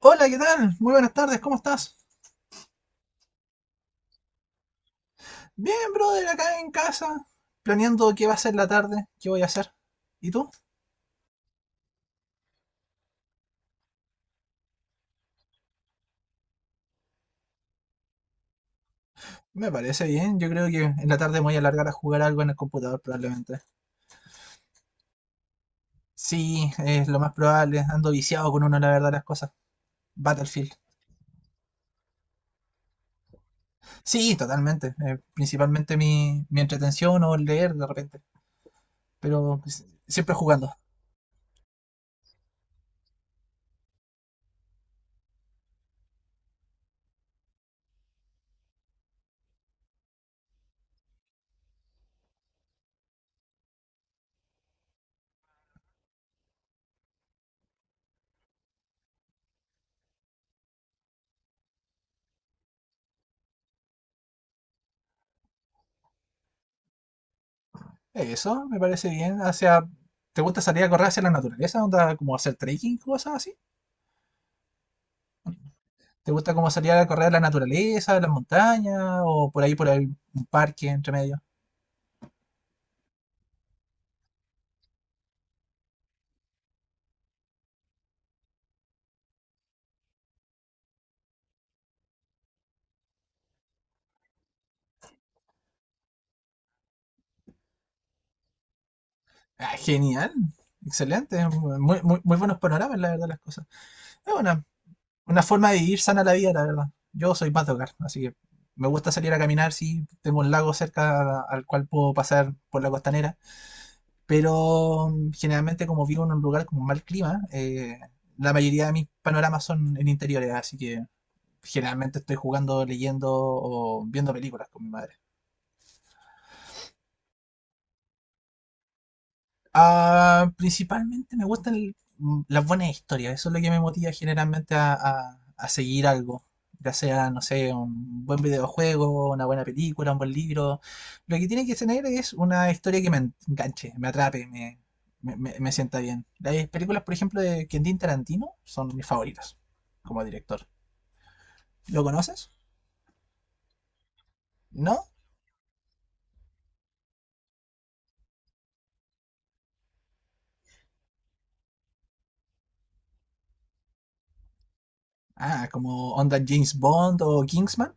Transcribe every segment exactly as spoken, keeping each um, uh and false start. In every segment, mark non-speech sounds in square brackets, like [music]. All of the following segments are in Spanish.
Hola, ¿qué tal? Muy buenas tardes, ¿cómo estás? Bien, brother, acá en casa, planeando qué va a ser la tarde, qué voy a hacer. ¿Y tú? Me parece bien, yo creo que en la tarde me voy a alargar a jugar algo en el computador probablemente. Sí, es lo más probable, ando viciado con uno, la verdad, las cosas. Battlefield. Sí, totalmente, eh, principalmente mi, mi entretención o leer de repente, pero pues, siempre jugando. Eso, me parece bien, hacia... ¿Te gusta salir a correr hacia la naturaleza? ¿Onda como hacer trekking, cosas así? ¿Te gusta como salir a correr a la naturaleza, a las montañas o por ahí, por ahí, un parque entre medio? Ah, genial, excelente, muy, muy, muy buenos panoramas, la verdad, las cosas. Es una, una forma de vivir sana la vida, la verdad. Yo soy más de hogar, así que me gusta salir a caminar, si tengo un lago cerca al cual puedo pasar por la costanera, pero mm, generalmente como vivo en un lugar con mal clima, eh, la mayoría de mis panoramas son en interiores, así que generalmente estoy jugando, leyendo o viendo películas con mi madre. Ah, principalmente me gustan el- mm, las buenas historias, eso es lo que me motiva generalmente a, a- a seguir algo, ya sea, no sé, un buen videojuego, una buena película, un buen libro. Lo que tiene que tener es una historia que me en- enganche, me atrape, me, me- me- me sienta bien. Las películas, por ejemplo, de Quentin Tarantino son mis favoritas como director. ¿Lo conoces? ¿No? Ah, como onda James Bond o Kingsman,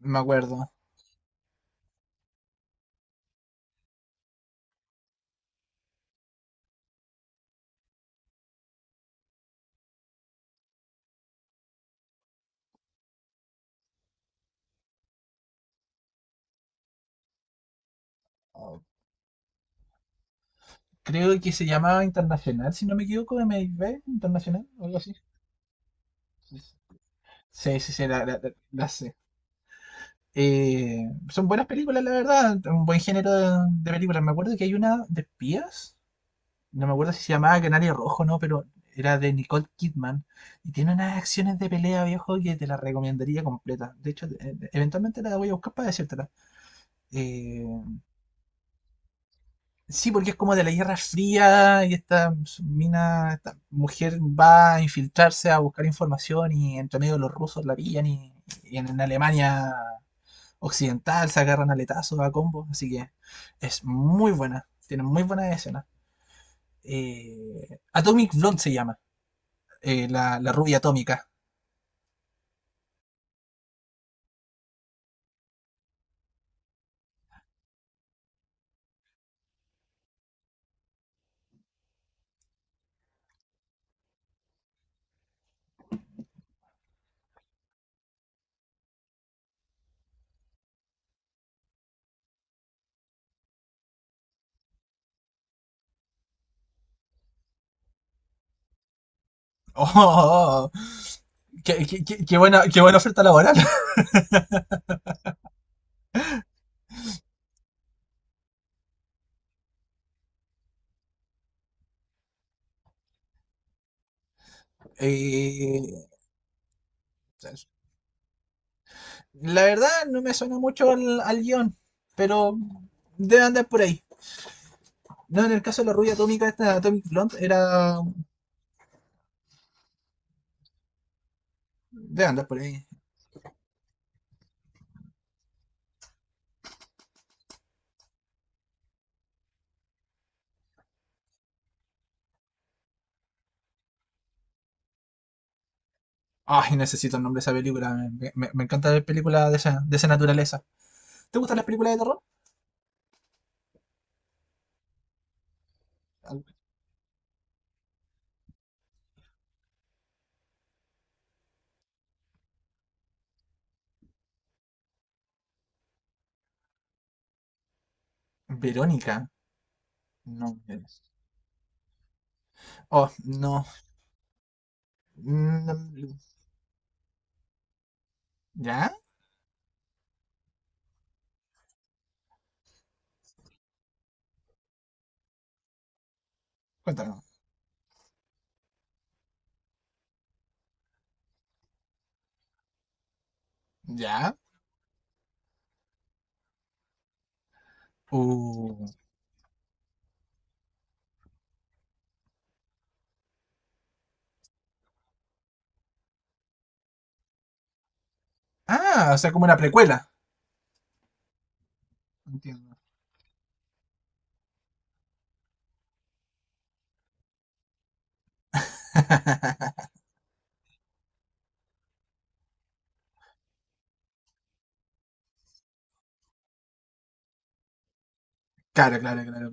me acuerdo. Creo que se llamaba Internacional, si no me equivoco, M MIB Internacional, o algo así. Sí, sí, sí, la, la, la- la sé. Eh, son buenas películas, la verdad, un buen género de, de películas. Me acuerdo que hay una de espías, no me acuerdo si se llamaba Canario Rojo, no, pero era de Nicole Kidman. Y tiene unas acciones de pelea, viejo, que te la recomendaría completa. De hecho, eh, eventualmente la voy a buscar para decírtela. Eh, Sí, porque es como de la Guerra Fría y esta mina, esta mujer va a infiltrarse a buscar información y entre medio los rusos la pillan y, y en, Alemania occidental se agarran aletazos a combos, así que es muy buena, tiene muy buenas escenas. Eh, Atomic Blonde se llama, eh, la, la rubia atómica. [laughs] Oh, oh, oh, oh. Qué, qué- qué- qué buena, qué buena oferta laboral. [laughs] Eh, la verdad no me suena mucho al, al guión, pero debe andar por ahí. No, en el caso de la rubia atómica, esta Atomic Blonde era... Debe andar por ahí. Ay, necesito el nombre de esa película. Me, me- me encanta ver películas de esa, de esa naturaleza. ¿Te gustan las películas de terror? Al- Verónica. No. Oh, no. Mm, ¿ya? Cuéntanos. ¿Ya? Uh. Ah, o sea, como una precuela. Entiendo. [laughs] Claro, claro, claro.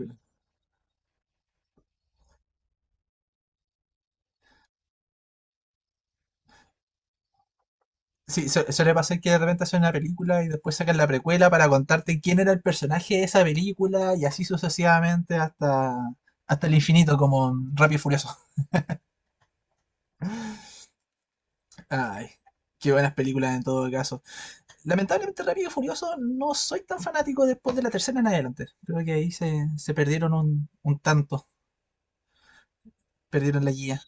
Sí, su- suele pasar que de repente hacen una película y después sacan la precuela para contarte quién era el personaje de esa película y así sucesivamente hasta, hasta el infinito, como en Rápido y Furioso. [laughs] Ay, qué buenas películas en todo caso. Lamentablemente Rápido y Furioso no soy tan fanático después de la tercera en adelante. Creo que ahí se, se perdieron un, un tanto, perdieron la guía.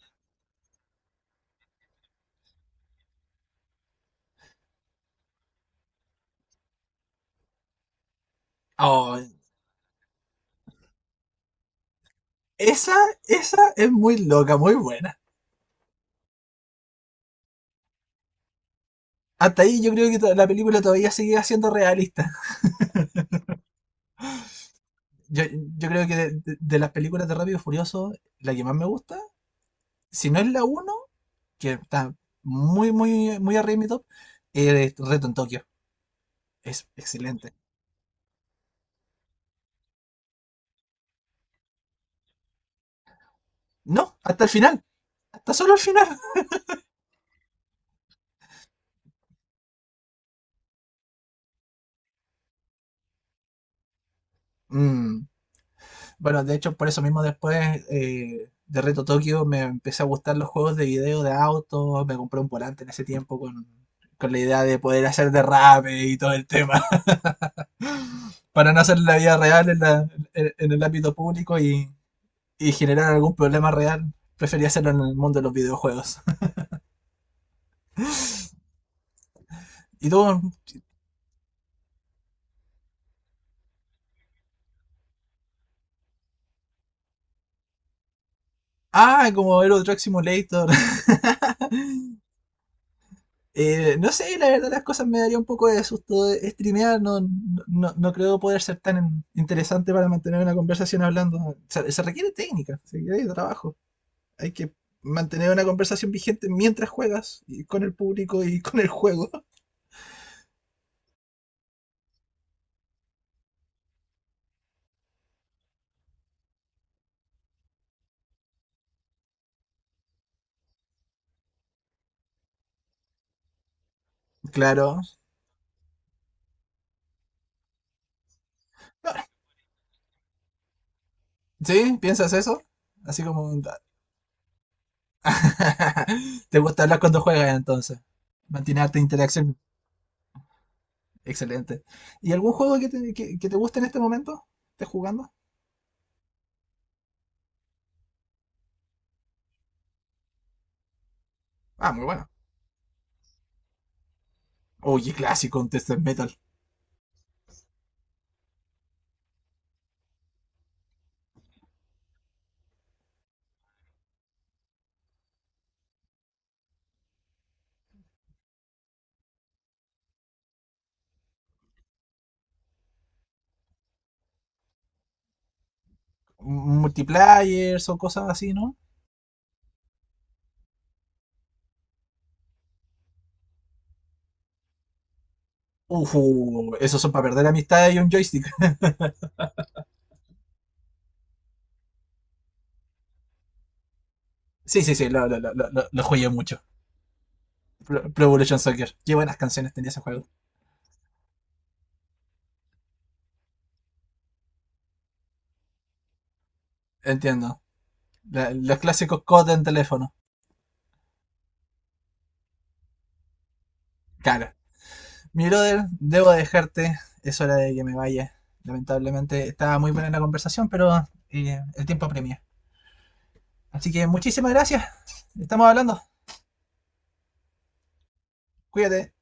Oh, esa, esa es muy loca, muy buena. Hasta ahí yo creo que to- la película todavía sigue siendo realista. Yo, yo creo que de, de- de las películas de Rápido y Furioso, la que más me gusta, si no es la uno que está muy, muy, muy arriba en mi top, es Reto en Tokio. Es excelente. No, hasta el final, hasta solo el final. [laughs] Mm, bueno, de hecho, por eso mismo después eh, de Reto Tokio me empecé a gustar los juegos de video de autos, me compré un volante en ese tiempo con, con la idea de poder hacer derrape y todo el tema, [laughs] para no hacer la vida real en, la- en- en el ámbito público y, y generar algún problema real, prefería hacerlo en el mundo de los videojuegos. [laughs] Y tú, ah, como Euro Truck Simulator. [laughs] Eh, no sé, la verdad las cosas me daría un poco de susto de streamear, no, no, no creo poder ser tan interesante para mantener una conversación hablando. O sea, se requiere técnica, se requiere trabajo. Hay que mantener una conversación vigente mientras juegas, y con el público y con el juego. [laughs] Claro. No, ¿sí? ¿Piensas eso? Así como [laughs] te gusta hablar cuando juegas entonces. Mantener alta interacción. Excelente. ¿Y algún juego que te, que, que te guste en este momento? ¿Estás jugando? Ah, muy bueno. Oye, clásico, un Test Metal. ¿Multiplayers o cosas así, no? Ujú, esos son para perder amistad y un joystick. [laughs] Sí, sí, sí, lo, lo, lo, lo, lo jugué mucho. Pro, Pro Evolution Soccer. Qué buenas canciones tenía ese juego. Entiendo. La- los clásicos C O D en teléfono. Claro. Mi brother, debo dejarte. Es hora de que me vaya. Lamentablemente estaba muy buena la conversación, pero eh, el tiempo apremia. Así que muchísimas gracias. Estamos hablando. Cuídate.